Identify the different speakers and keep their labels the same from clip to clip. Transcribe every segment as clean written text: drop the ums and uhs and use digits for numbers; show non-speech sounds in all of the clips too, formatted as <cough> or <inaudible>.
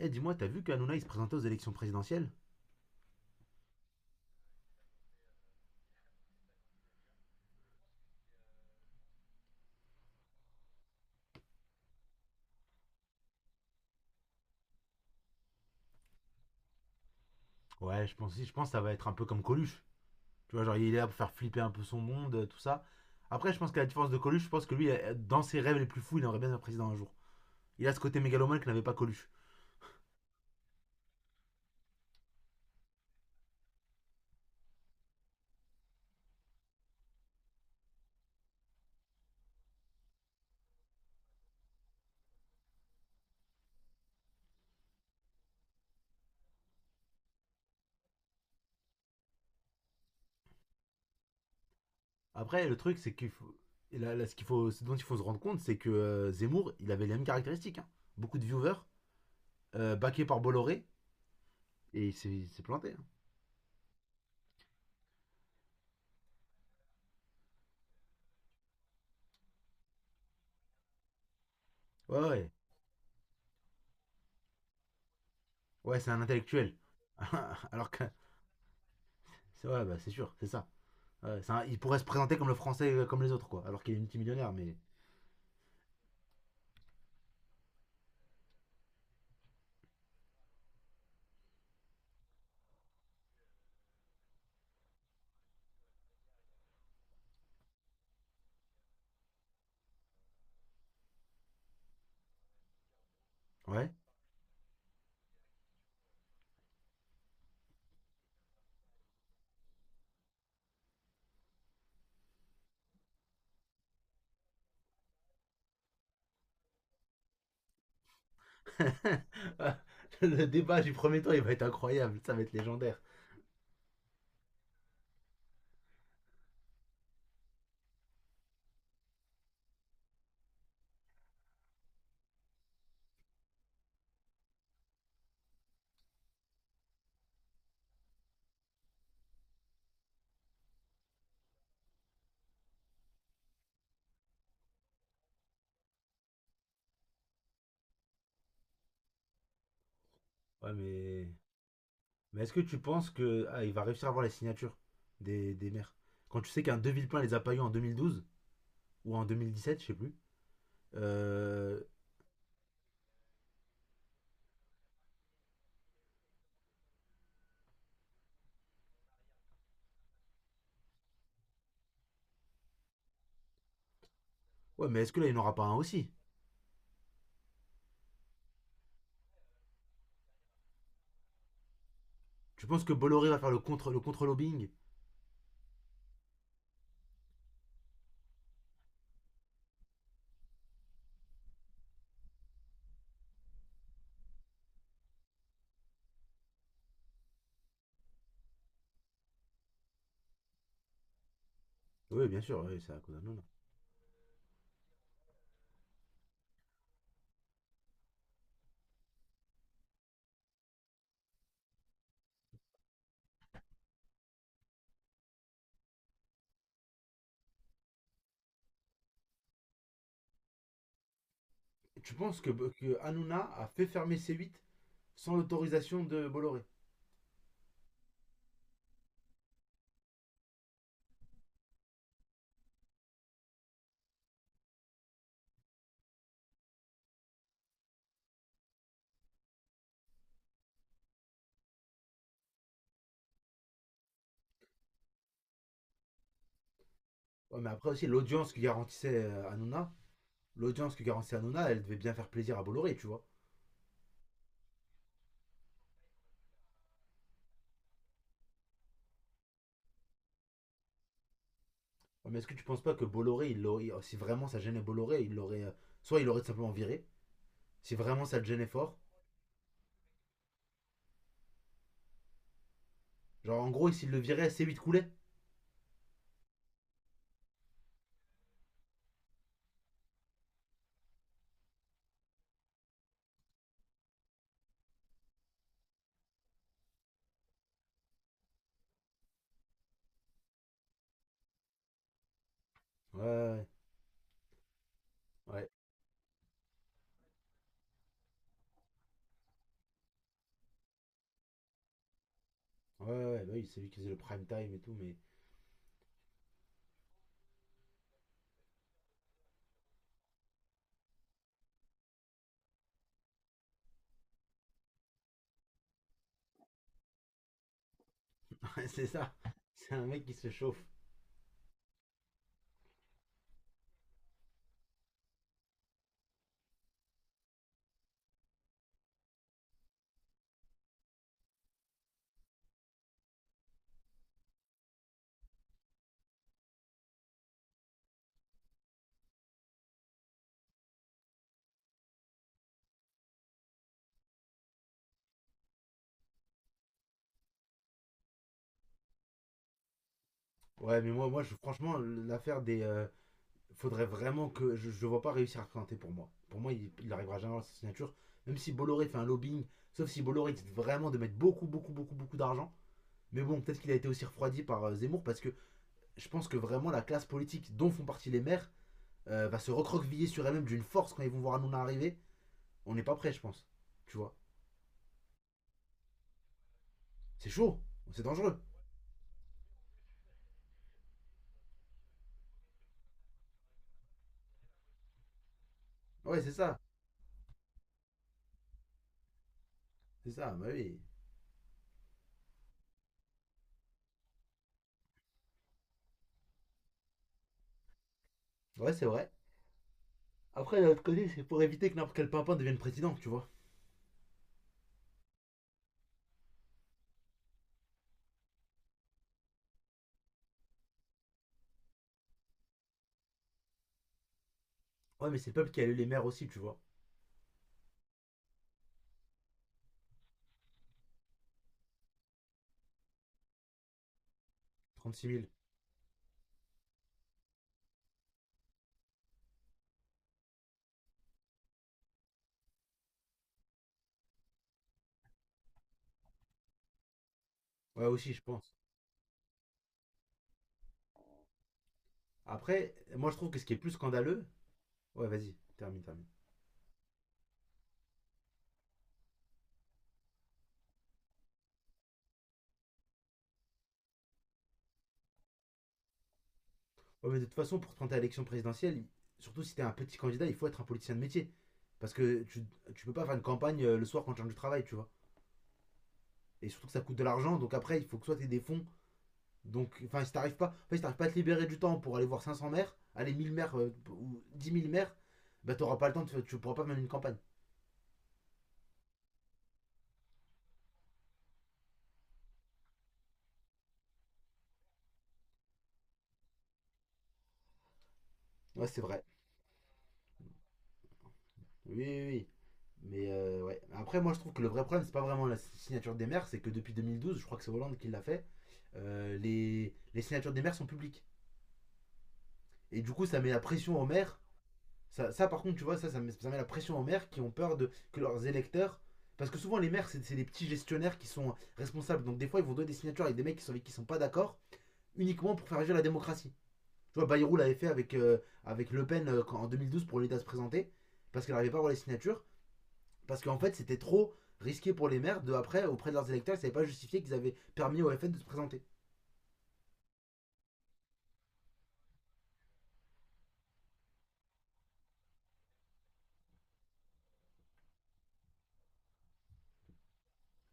Speaker 1: Eh, dis-moi, t'as vu qu'Anouna il se présentait aux élections présidentielles? Ouais, je pense que ça va être un peu comme Coluche. Tu vois, genre il est là pour faire flipper un peu son monde, tout ça. Après, je pense qu'à la différence de Coluche, je pense que lui, dans ses rêves les plus fous, il aimerait bien être président un jour. Il a ce côté mégalomane que n'avait pas Coluche. Après, le truc, c'est qu'il faut. Et là- là, ce, qu'il faut, ce dont il faut se rendre compte, c'est que Zemmour, il avait les mêmes caractéristiques, hein. Beaucoup de viewers, backé par Bolloré, et il s'est planté, hein. Ouais, ouais. Ouais, c'est un intellectuel. <laughs> Alors que. Ouais, bah, c'est sûr, c'est ça. Ouais, il pourrait se présenter comme le français comme les autres, quoi. Alors qu'il est multimillionnaire, mais. Ouais. <laughs> Le débat du premier tour, il va être incroyable. Ça va être légendaire. Ouais, mais. Mais est-ce que tu penses que il va réussir à avoir les signatures des maires? Quand tu sais qu'un De Villepin les a pas eu en 2012 ou en 2017 je sais plus. Euh, Ouais, mais est-ce que là, il n'aura pas un aussi. Tu penses que Bolloré va faire le contre-lobbying? Oui, bien sûr, oui, c'est à cause d'Hanouna. Tu penses que Hanouna a fait fermer c huit sans l'autorisation de Bolloré? Ouais, mais après aussi, l'audience que garantissait Hanouna, l'audience que garantissait Hanouna, elle devait bien faire plaisir à Bolloré, tu vois. Ouais, mais est-ce que tu penses pas que Bolloré, si vraiment ça gênait Bolloré, il l'aurait, soit il l'aurait tout simplement viré, si vraiment ça le gênait fort. Genre, en gros, s'il le virait, C8 coulait. Ouais, ouais, ouais. Ouais, ouais, bah oui, c'est lui qui faisait le prime time et tout, mais. <laughs> Ouais, c'est ça. C'est un mec qui se chauffe. Ouais, mais moi, franchement, l'affaire des. Faudrait vraiment que je ne vois pas réussir à cranter pour moi. Pour moi, il n'arrivera jamais à sa signature. Même si Bolloré fait un lobbying, sauf si Bolloré décide vraiment de mettre beaucoup, beaucoup, beaucoup, beaucoup d'argent. Mais bon, peut-être qu'il a été aussi refroidi par Zemmour parce que je pense que vraiment la classe politique dont font partie les maires va se recroqueviller sur elle-même d'une force quand ils vont voir Hanouna arriver. On n'est pas prêt, je pense. Tu vois. C'est chaud, c'est dangereux. Ouais, c'est ça, bah oui. Ouais, c'est vrai. Après, d'un autre côté, c'est pour éviter que n'importe quel pimpin devienne président, tu vois. Ouais, mais c'est le peuple qui a élu les maires aussi, tu vois. 36 000. Ouais, aussi, je pense. Après, moi, je trouve que ce qui est plus scandaleux. Ouais, vas-y, termine, termine. Ouais, mais de toute façon, pour te présenter à l'élection présidentielle, surtout si t'es un petit candidat, il faut être un politicien de métier. Parce que tu peux pas faire une campagne le soir quand tu changes de travail, tu vois. Et surtout que ça coûte de l'argent, donc après, il faut que soit t'aies des fonds. Donc, enfin, si t'arrives pas, en fait, si t'arrives pas à te libérer du temps pour aller voir 500 maires, aller 1 000 maires ou 10 000 maires, bah t'auras pas le temps, tu pourras pas mener une campagne. Ouais, c'est vrai. Oui, oui, oui. Mais ouais. Après, moi, je trouve que le vrai problème, c'est pas vraiment la signature des maires, c'est que depuis 2012, je crois que c'est Hollande qui l'a fait, les signatures des maires sont publiques. Et du coup, ça met la pression aux maires. Ça par contre, tu vois, ça, ça met la pression aux maires qui ont peur de que leurs électeurs. Parce que souvent, les maires, c'est des petits gestionnaires qui sont responsables. Donc, des fois, ils vont donner des signatures avec des mecs avec qui sont pas d'accord, uniquement pour faire agir la démocratie. Tu vois, Bayrou l'avait fait avec Le Pen en 2012 pour l'aider à se présenter, parce qu'elle n'arrivait pas à avoir les signatures. Parce qu'en fait, c'était trop risqué pour les maires de, après, auprès de leurs électeurs, ils ne savaient pas justifier qu'ils avaient permis au FN de se présenter.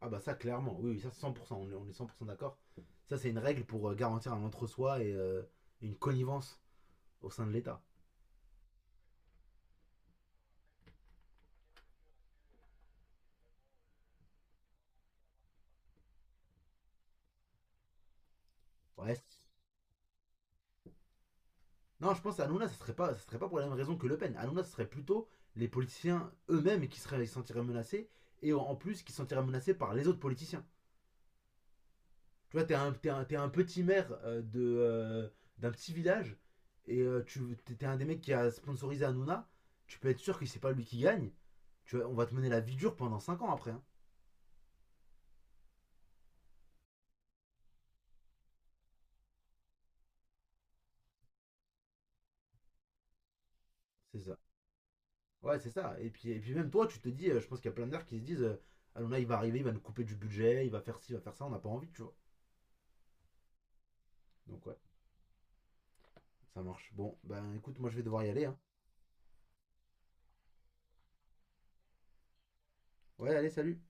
Speaker 1: Ah bah ça, clairement, oui, oui, ça c'est 100%, 100% d'accord. Ça, c'est une règle pour garantir un entre-soi et une connivence au sein de l'État. Ouais. Non, je pense à Hanouna, ce ne serait pas, ça serait pas pour la même raison que Le Pen. Hanouna, ce serait plutôt les politiciens eux-mêmes qui se sentiraient menacés et en plus qui se sentiraient menacés par les autres politiciens. Tu vois, t'es un petit maire d'un petit village et tu t'es un des mecs qui a sponsorisé Hanouna. Tu peux être sûr que c'est pas lui qui gagne. Tu vois, on va te mener la vie dure pendant 5 ans après, hein. C'est ça. Ouais, c'est ça. Et puis même toi, tu te dis, je pense qu'il y a plein de mecs qui se disent Hanouna, il va arriver, il va nous couper du budget, il va faire ci, il va faire ça, on n'a pas envie, tu vois. Donc ouais, ça marche. Bon, ben écoute, moi je vais devoir y aller, hein. Ouais, allez, salut.